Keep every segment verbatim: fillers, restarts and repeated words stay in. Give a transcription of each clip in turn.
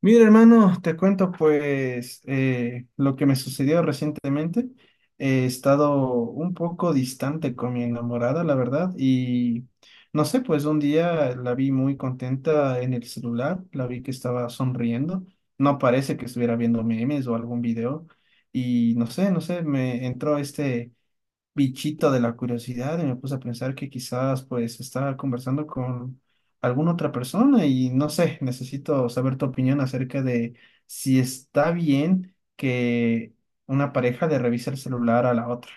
Mira, hermano, te cuento pues eh, lo que me sucedió recientemente. He estado un poco distante con mi enamorada, la verdad, y no sé, pues un día la vi muy contenta en el celular, la vi que estaba sonriendo, no parece que estuviera viendo memes o algún video, y no sé, no sé, me entró este bichito de la curiosidad y me puse a pensar que quizás pues estaba conversando con alguna otra persona y no sé, necesito saber tu opinión acerca de si está bien que una pareja le revise el celular a la otra.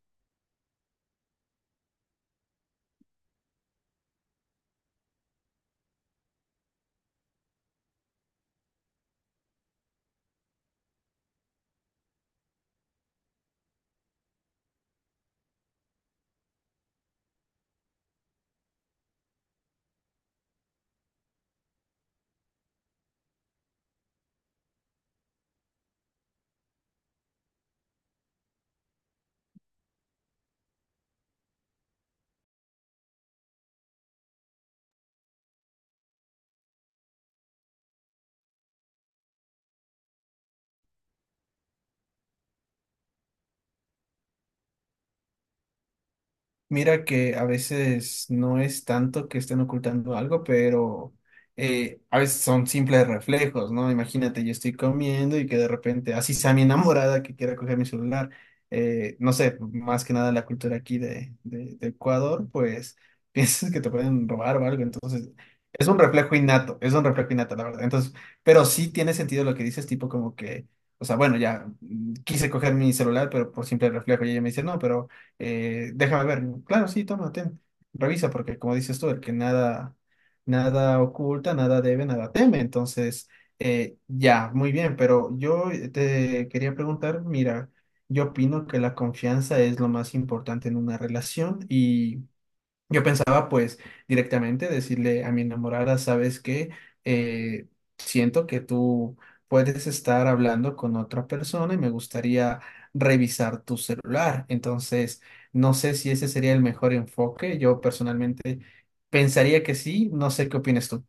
Mira que a veces no es tanto que estén ocultando algo, pero eh, a veces son simples reflejos, ¿no? Imagínate, yo estoy comiendo y que de repente, así sea mi enamorada que quiera coger mi celular, eh, no sé, más que nada la cultura aquí de, de- de Ecuador, pues piensas que te pueden robar o algo, entonces es un reflejo innato, es un reflejo innato, la verdad. Entonces, pero sí tiene sentido lo que dices, tipo como que, o sea, bueno, ya mm, quise coger mi celular, pero por simple reflejo, y ella me dice, no, pero eh, déjame ver. Claro, sí, toma, ten. Revisa, porque como dices tú, el que nada, nada oculta, nada debe, nada teme. Entonces, eh, ya, muy bien, pero yo eh, te quería preguntar, mira, yo opino que la confianza es lo más importante en una relación y... Yo pensaba pues directamente decirle a mi enamorada, ¿sabes que siento que tú puedes estar hablando con otra persona y me gustaría revisar tu celular. Entonces, no sé si ese sería el mejor enfoque. Yo personalmente pensaría que sí. No sé qué opinas tú.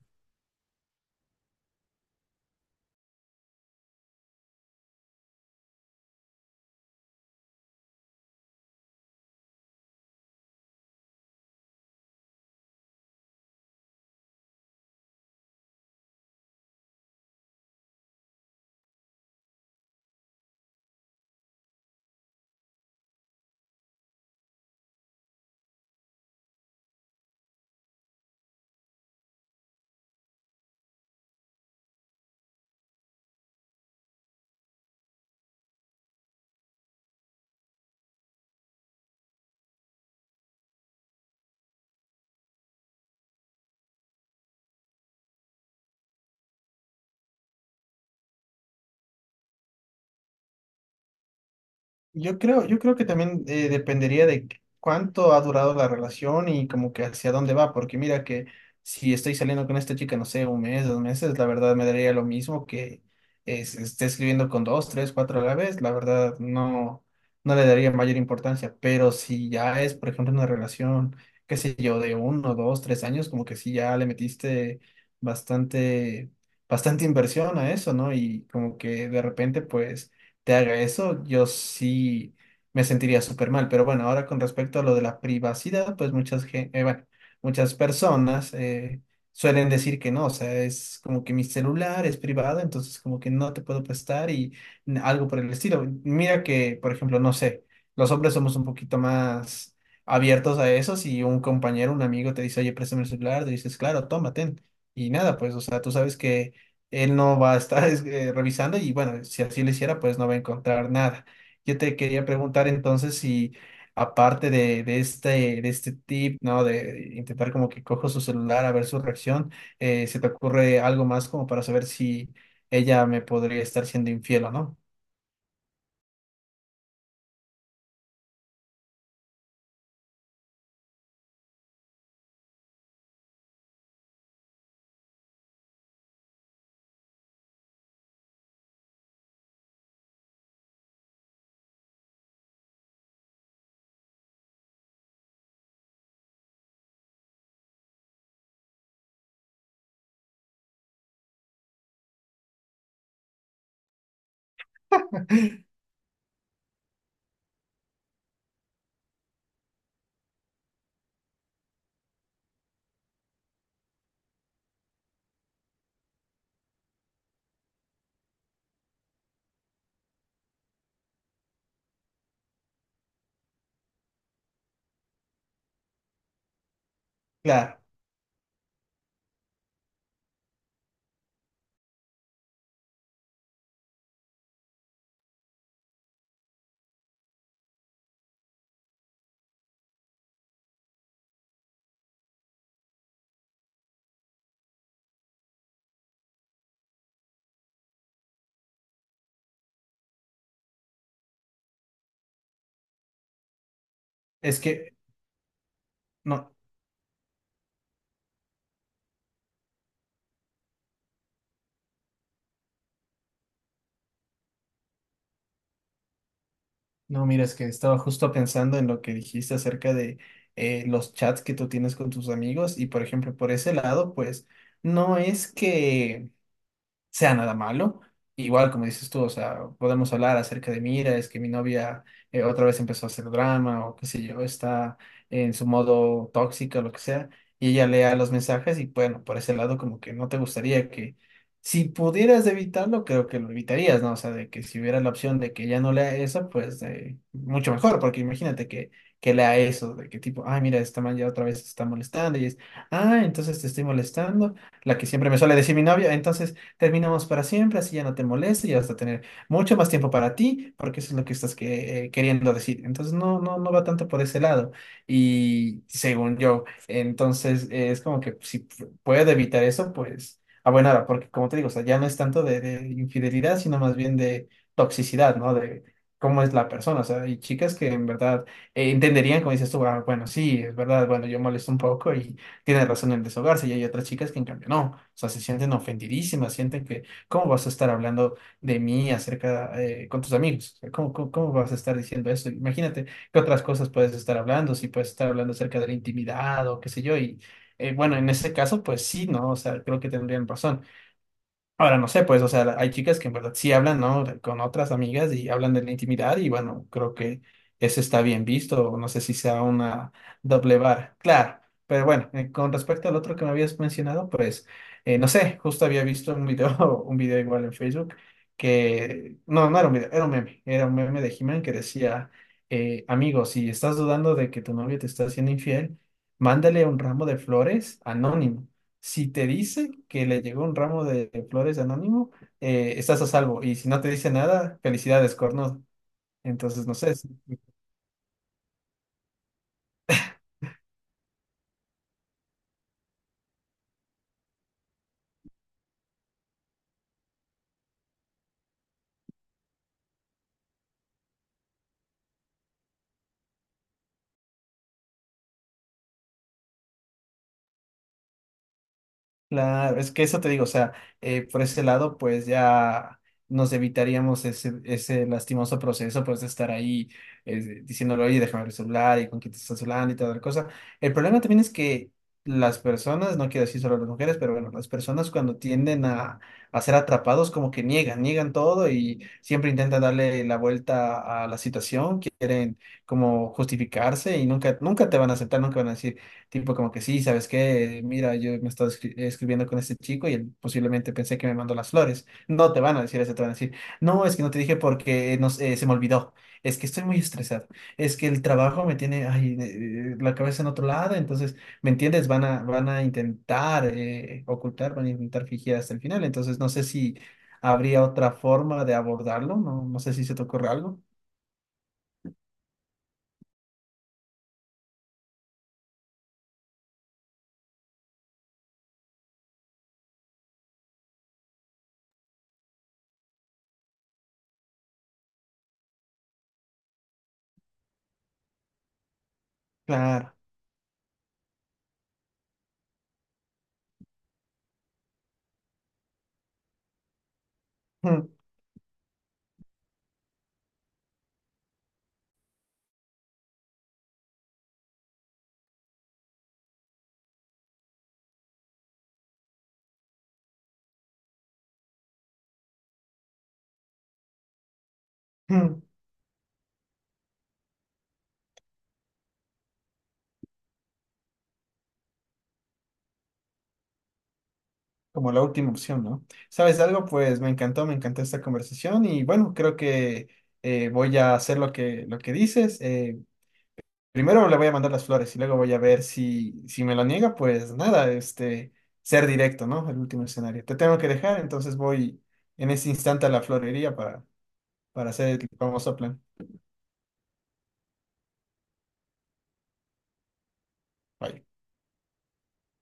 Yo creo, yo creo que también eh, dependería de qué- cuánto ha durado la relación y como que hacia dónde va, porque mira que si estoy saliendo con esta chica, no sé, un mes, dos meses, la verdad me daría lo mismo que es- esté escribiendo con dos, tres, cuatro a la vez, la verdad no, no le daría mayor importancia, pero si ya es, por ejemplo, una relación, qué sé yo, de uno, dos, tres años, como que sí ya le metiste bastante, bastante inversión a eso, ¿no? Y como que de repente, pues te haga eso, yo sí me sentiría súper mal. Pero bueno, ahora con respecto a lo de la privacidad, pues muchas, gen- eh, bueno, muchas personas eh, suelen decir que no, o sea, es como que mi celular es privado, entonces como que no te puedo prestar y n- algo por el estilo. Mira que, por ejemplo, no sé, los hombres somos un poquito más abiertos a eso. Si un compañero, un amigo te dice, oye, préstame el celular, te dices, claro, tómate. Y nada, pues, o sea, tú sabes que él no va a estar es- eh, revisando y bueno, si así lo hiciera, pues no va a encontrar nada. Yo te quería preguntar entonces si aparte de, de este, de este tip, ¿no? De intentar como que cojo su celular a ver su reacción, eh, ¿se te ocurre algo más como para saber si ella me podría estar siendo infiel o no? Claro, es que no, no, mira, es que estaba justo pensando en lo que dijiste acerca de eh, los chats que tú tienes con tus amigos y por ejemplo, por ese lado, pues no es que sea nada malo. Igual, como dices tú, o sea, podemos hablar acerca de, mira, es que mi novia eh, otra vez empezó a hacer drama o qué sé yo, está en su modo tóxica, lo que sea, y ella lea los mensajes y bueno, por ese lado como que no te gustaría que, si pudieras evitarlo, creo que lo evitarías, ¿no? O sea, de que si hubiera la opción de que ella no lea eso, pues eh, mucho mejor, porque imagínate que, que lea eso, de que tipo, ay, mira, esta man ya otra vez está molestando y es, ah, entonces te estoy molestando, la que siempre me suele decir mi novia, entonces terminamos para siempre, así ya no te molesta y vas a tener mucho más tiempo para ti, porque eso es lo que estás que- eh, queriendo decir. Entonces no, no, no va tanto por ese lado. Y según yo, entonces eh, es como que si p- puedo evitar eso, pues a buena hora, porque como te digo, o sea, ya no es tanto de, de infidelidad, sino más bien de toxicidad, ¿no? De cómo es la persona, o sea, hay chicas que en verdad eh, entenderían, como dices tú, "Ah, bueno, sí, es verdad, bueno, yo molesto un poco y tiene razón en desahogarse y hay otras chicas que en cambio no, o sea, se sienten ofendidísimas, sienten que, ¿cómo vas a estar hablando de mí acerca eh, con tus amigos? O sea, ¿Cómo, cómo, cómo vas a estar diciendo eso? Imagínate qué otras cosas puedes estar hablando, si puedes estar hablando acerca de la intimidad o qué sé yo, y eh, bueno, en ese caso, pues sí, ¿no? O sea, creo que tendrían razón. Ahora no sé, pues, o sea, hay chicas que en verdad sí hablan, ¿no? de- Con otras amigas y hablan de la intimidad y bueno, creo que eso está bien visto, no sé si sea una doble vara, claro, pero bueno, eh, con respecto al otro que me habías mencionado, pues, eh, no sé, justo había visto un video, un video igual en Facebook que, no, no era un video, era un meme, era un meme de He-Man que decía, eh, amigo, si estás dudando de que tu novio te está haciendo infiel, mándale un ramo de flores anónimo. Si te dice que le llegó un ramo de flores anónimo, eh, estás a salvo. Y si no te dice nada, felicidades, corno. Entonces, no sé. Claro, es que eso te digo, o sea, eh, por ese lado, pues ya nos evitaríamos ese, ese lastimoso proceso, pues de estar ahí eh, diciéndole, oye, déjame ver el celular y con quién te estás hablando y toda la cosa. El problema también es que las personas, no quiero decir solo las mujeres, pero bueno, las personas cuando tienden a, a ser atrapados, como que niegan, niegan todo y siempre intentan darle la vuelta a la situación, quieren como justificarse y nunca, nunca te van a aceptar, nunca van a decir. Tipo como que sí, ¿sabes qué? Mira, yo me estaba escri- escribiendo con este chico y él posiblemente pensé que me mandó las flores. No te van a decir eso, te van a decir, no, es que no te dije porque no sé, se me olvidó. Es que estoy muy estresado. Es que el trabajo me tiene ay, eh, la cabeza en otro lado. Entonces, ¿me entiendes? Van a, van a intentar eh, ocultar, van a intentar fingir hasta el final. Entonces, no sé si habría otra forma de abordarlo. No, no sé si se te ocurre algo. Claro. Como la última opción, ¿no? ¿Sabes algo? Pues me encantó, me encantó esta conversación y bueno, creo que eh, voy a hacer lo que, lo que dices. Eh, primero le voy a mandar las flores y luego voy a ver si, si me lo niega, pues nada, este, ser directo, ¿no? El último escenario. Te tengo que dejar, entonces voy en ese instante a la florería para, para hacer el famoso plan. Bye.